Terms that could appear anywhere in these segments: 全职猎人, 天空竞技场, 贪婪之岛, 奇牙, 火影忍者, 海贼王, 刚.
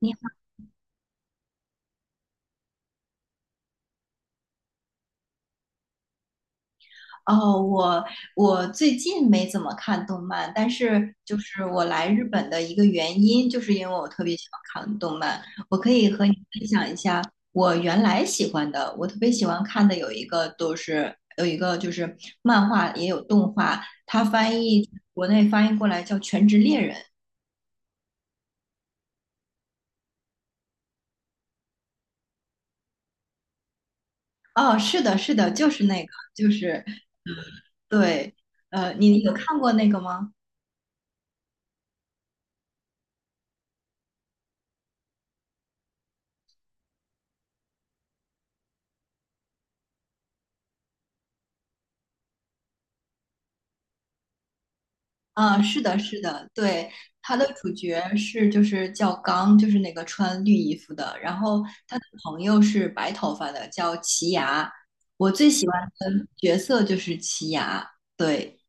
你哦，我最近没怎么看动漫，但是就是我来日本的一个原因，就是因为我特别喜欢看动漫。我可以和你分享一下我原来喜欢的，我特别喜欢看的有一个就是漫画也有动画，它国内翻译过来叫《全职猎人》。哦，是的，是的，对，你有看过那个吗？啊，是的，是的，对，他的主角就叫刚，就是那个穿绿衣服的，然后他的朋友是白头发的，叫奇牙。我最喜欢的角色就是奇牙，对，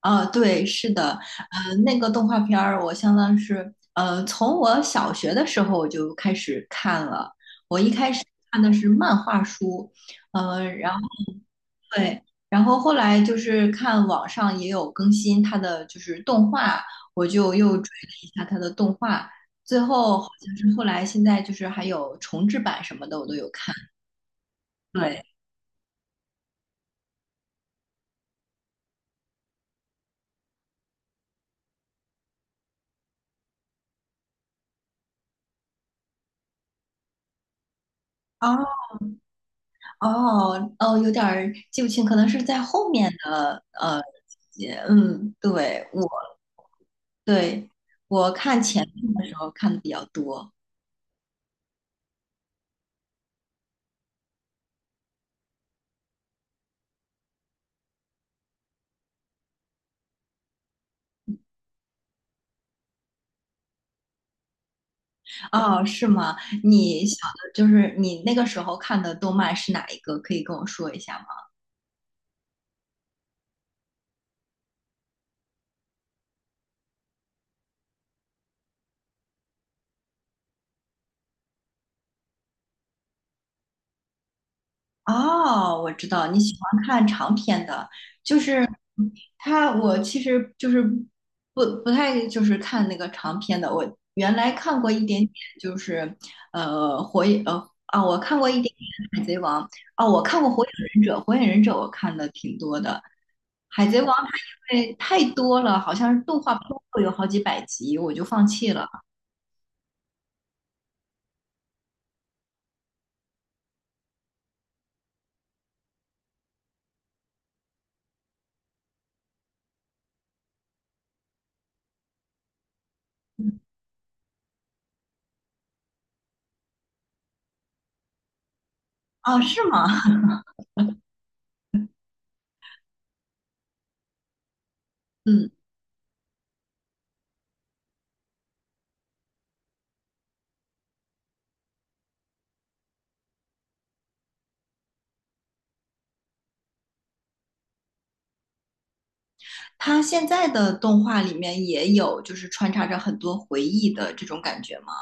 啊，对，是的，那个动画片儿我相当是，从我小学的时候我就开始看了，我一开始看的是漫画书，呃然对，然后后来就是看网上也有更新它的就是动画，我就又追了一下它的动画，最后好像是后来现在就是还有重制版什么的，我都有看。对，哦哦哦，有点儿记不清，可能是在后面的也嗯，对我看前面的时候看的比较多。哦，是吗？你小的就是你那个时候看的动漫是哪一个？可以跟我说一下吗？哦，我知道你喜欢看长篇的，就是他，我其实就是不太就是看那个长篇的。我原来看过一点点，就是火影，我看过一点点海贼王啊，我看过火影忍者，火影忍者我看的挺多的。海贼王它因为太多了，好像是动画片都有好几百集，我就放弃了。嗯哦，是吗？嗯。它现在的动画里面也有，就是穿插着很多回忆的这种感觉吗？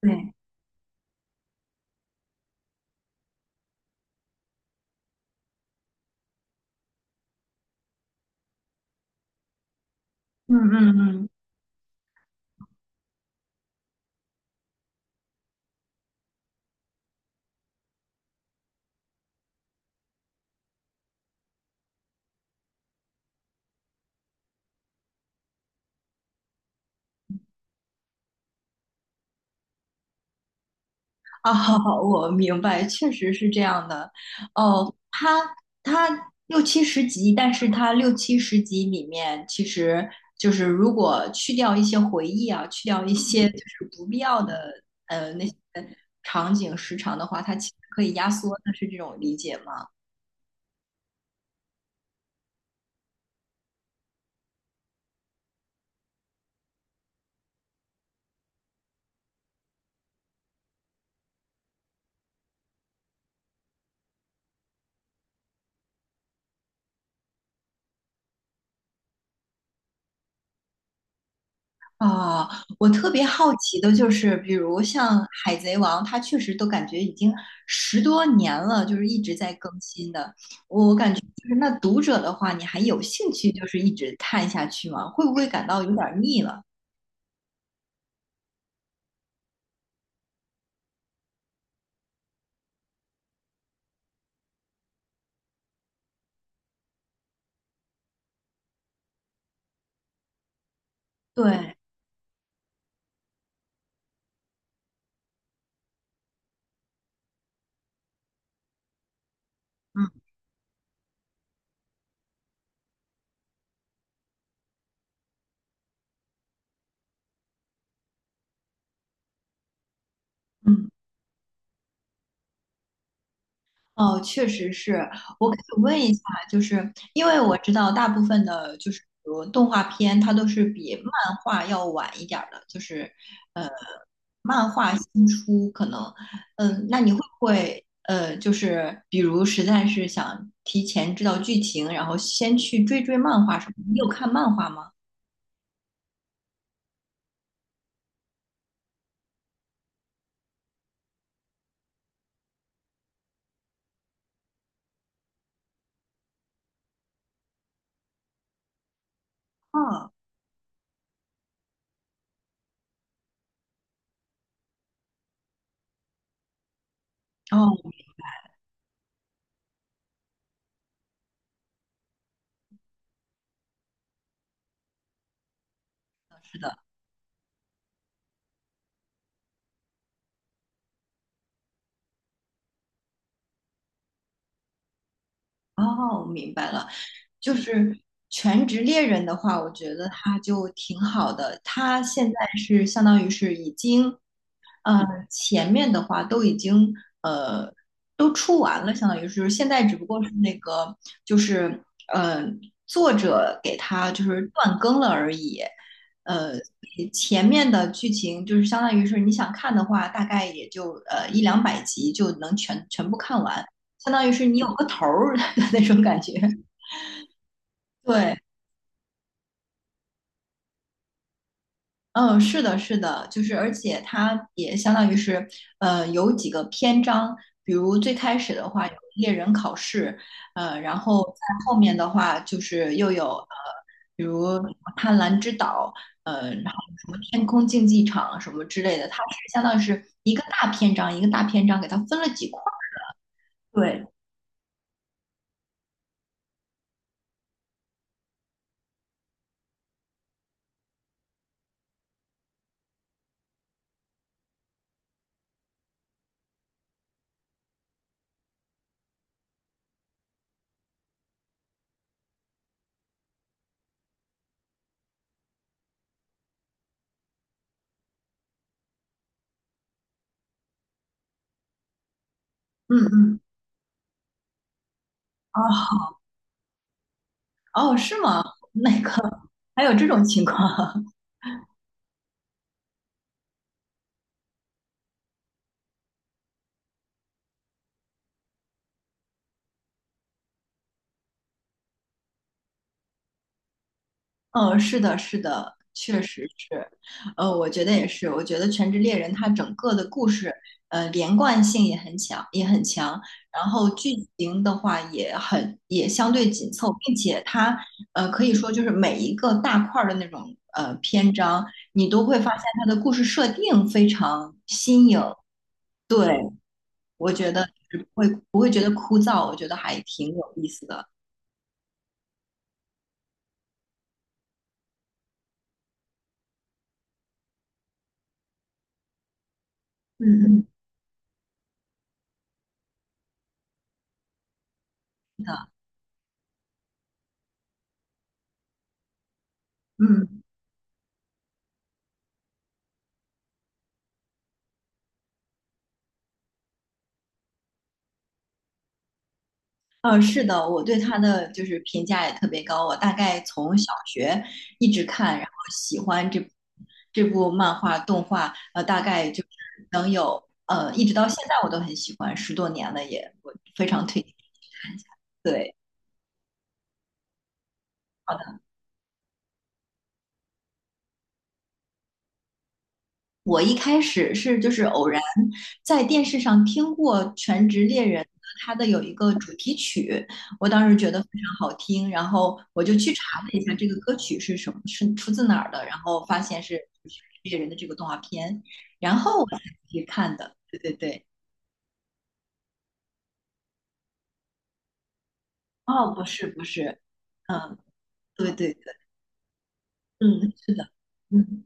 对，嗯嗯嗯，啊，我明白，确实是这样的。哦，它它六七十集，但是它六七十集里面，其实就是如果去掉一些回忆啊，去掉一些就是不必要的那些场景时长的话，它其实可以压缩的，是这种理解吗？啊，我特别好奇的就是，比如像《海贼王》，它确实都感觉已经十多年了，就是一直在更新的。我感觉就是那读者的话，你还有兴趣就是一直看下去吗？会不会感到有点儿腻了？对，嗯，嗯。哦，确实是。我可以问一下，就是因为我知道大部分的，就是比如动画片，它都是比漫画要晚一点儿的，就是呃，漫画新出可能，嗯、那你会不会就是比如实在是想提前知道剧情，然后先去追追漫画什么的？你有看漫画吗？啊，哦，我知道。哦，我明白了，就是全职猎人的话，我觉得他就挺好的。他现在是相当于是已经呃，前面的话都已经呃都出完了，相当于是就是现在只不过是那个就是呃作者给他就是断更了而已。呃，前面的剧情就是相当于是你想看的话，大概也就一两百集就能全部看完，相当于是你有个头儿 的那种感觉。对，嗯，是的，是的，就是而且它也相当于是，有几个篇章，比如最开始的话有猎人考试，然后在后面的话就是又有比如什么贪婪之岛，然后什么天空竞技场什么之类的，它是相当于是一个大篇章一个大篇章给它分了几块儿。对，嗯嗯，哦哦，是吗？那个还有这种情况？嗯，是的，是的，确实是，我觉得也是，我觉得《全职猎人》它整个的故事，连贯性也很强，然后剧情的话也很也相对紧凑，并且它，可以说就是每一个大块儿的那种篇章，你都会发现它的故事设定非常新颖，对，我觉得就是不会觉得枯燥，我觉得还挺有意思的，嗯嗯，是的，嗯。嗯，是的，我对他的就是评价也特别高。我大概从小学一直看，然后喜欢这这部漫画动画，大概就是能有一直到现在我都很喜欢，十多年了也，我非常推荐你去看一下。对，好我一开始是就是偶然在电视上听过《全职猎人》它的有一个主题曲，我当时觉得非常好听，然后我就去查了一下这个歌曲是什么，是出自哪儿的，然后发现是《全职猎人》的这个动画片，然后我才去看的。对对对，哦，不是不是，嗯，对对对，嗯，是的，嗯。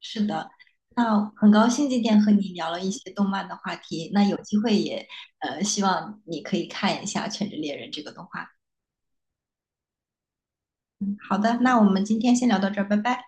是的，那很高兴今天和你聊了一些动漫的话题，那有机会也希望你可以看一下《全职猎人》这个动画。好的，那我们今天先聊到这儿，拜拜。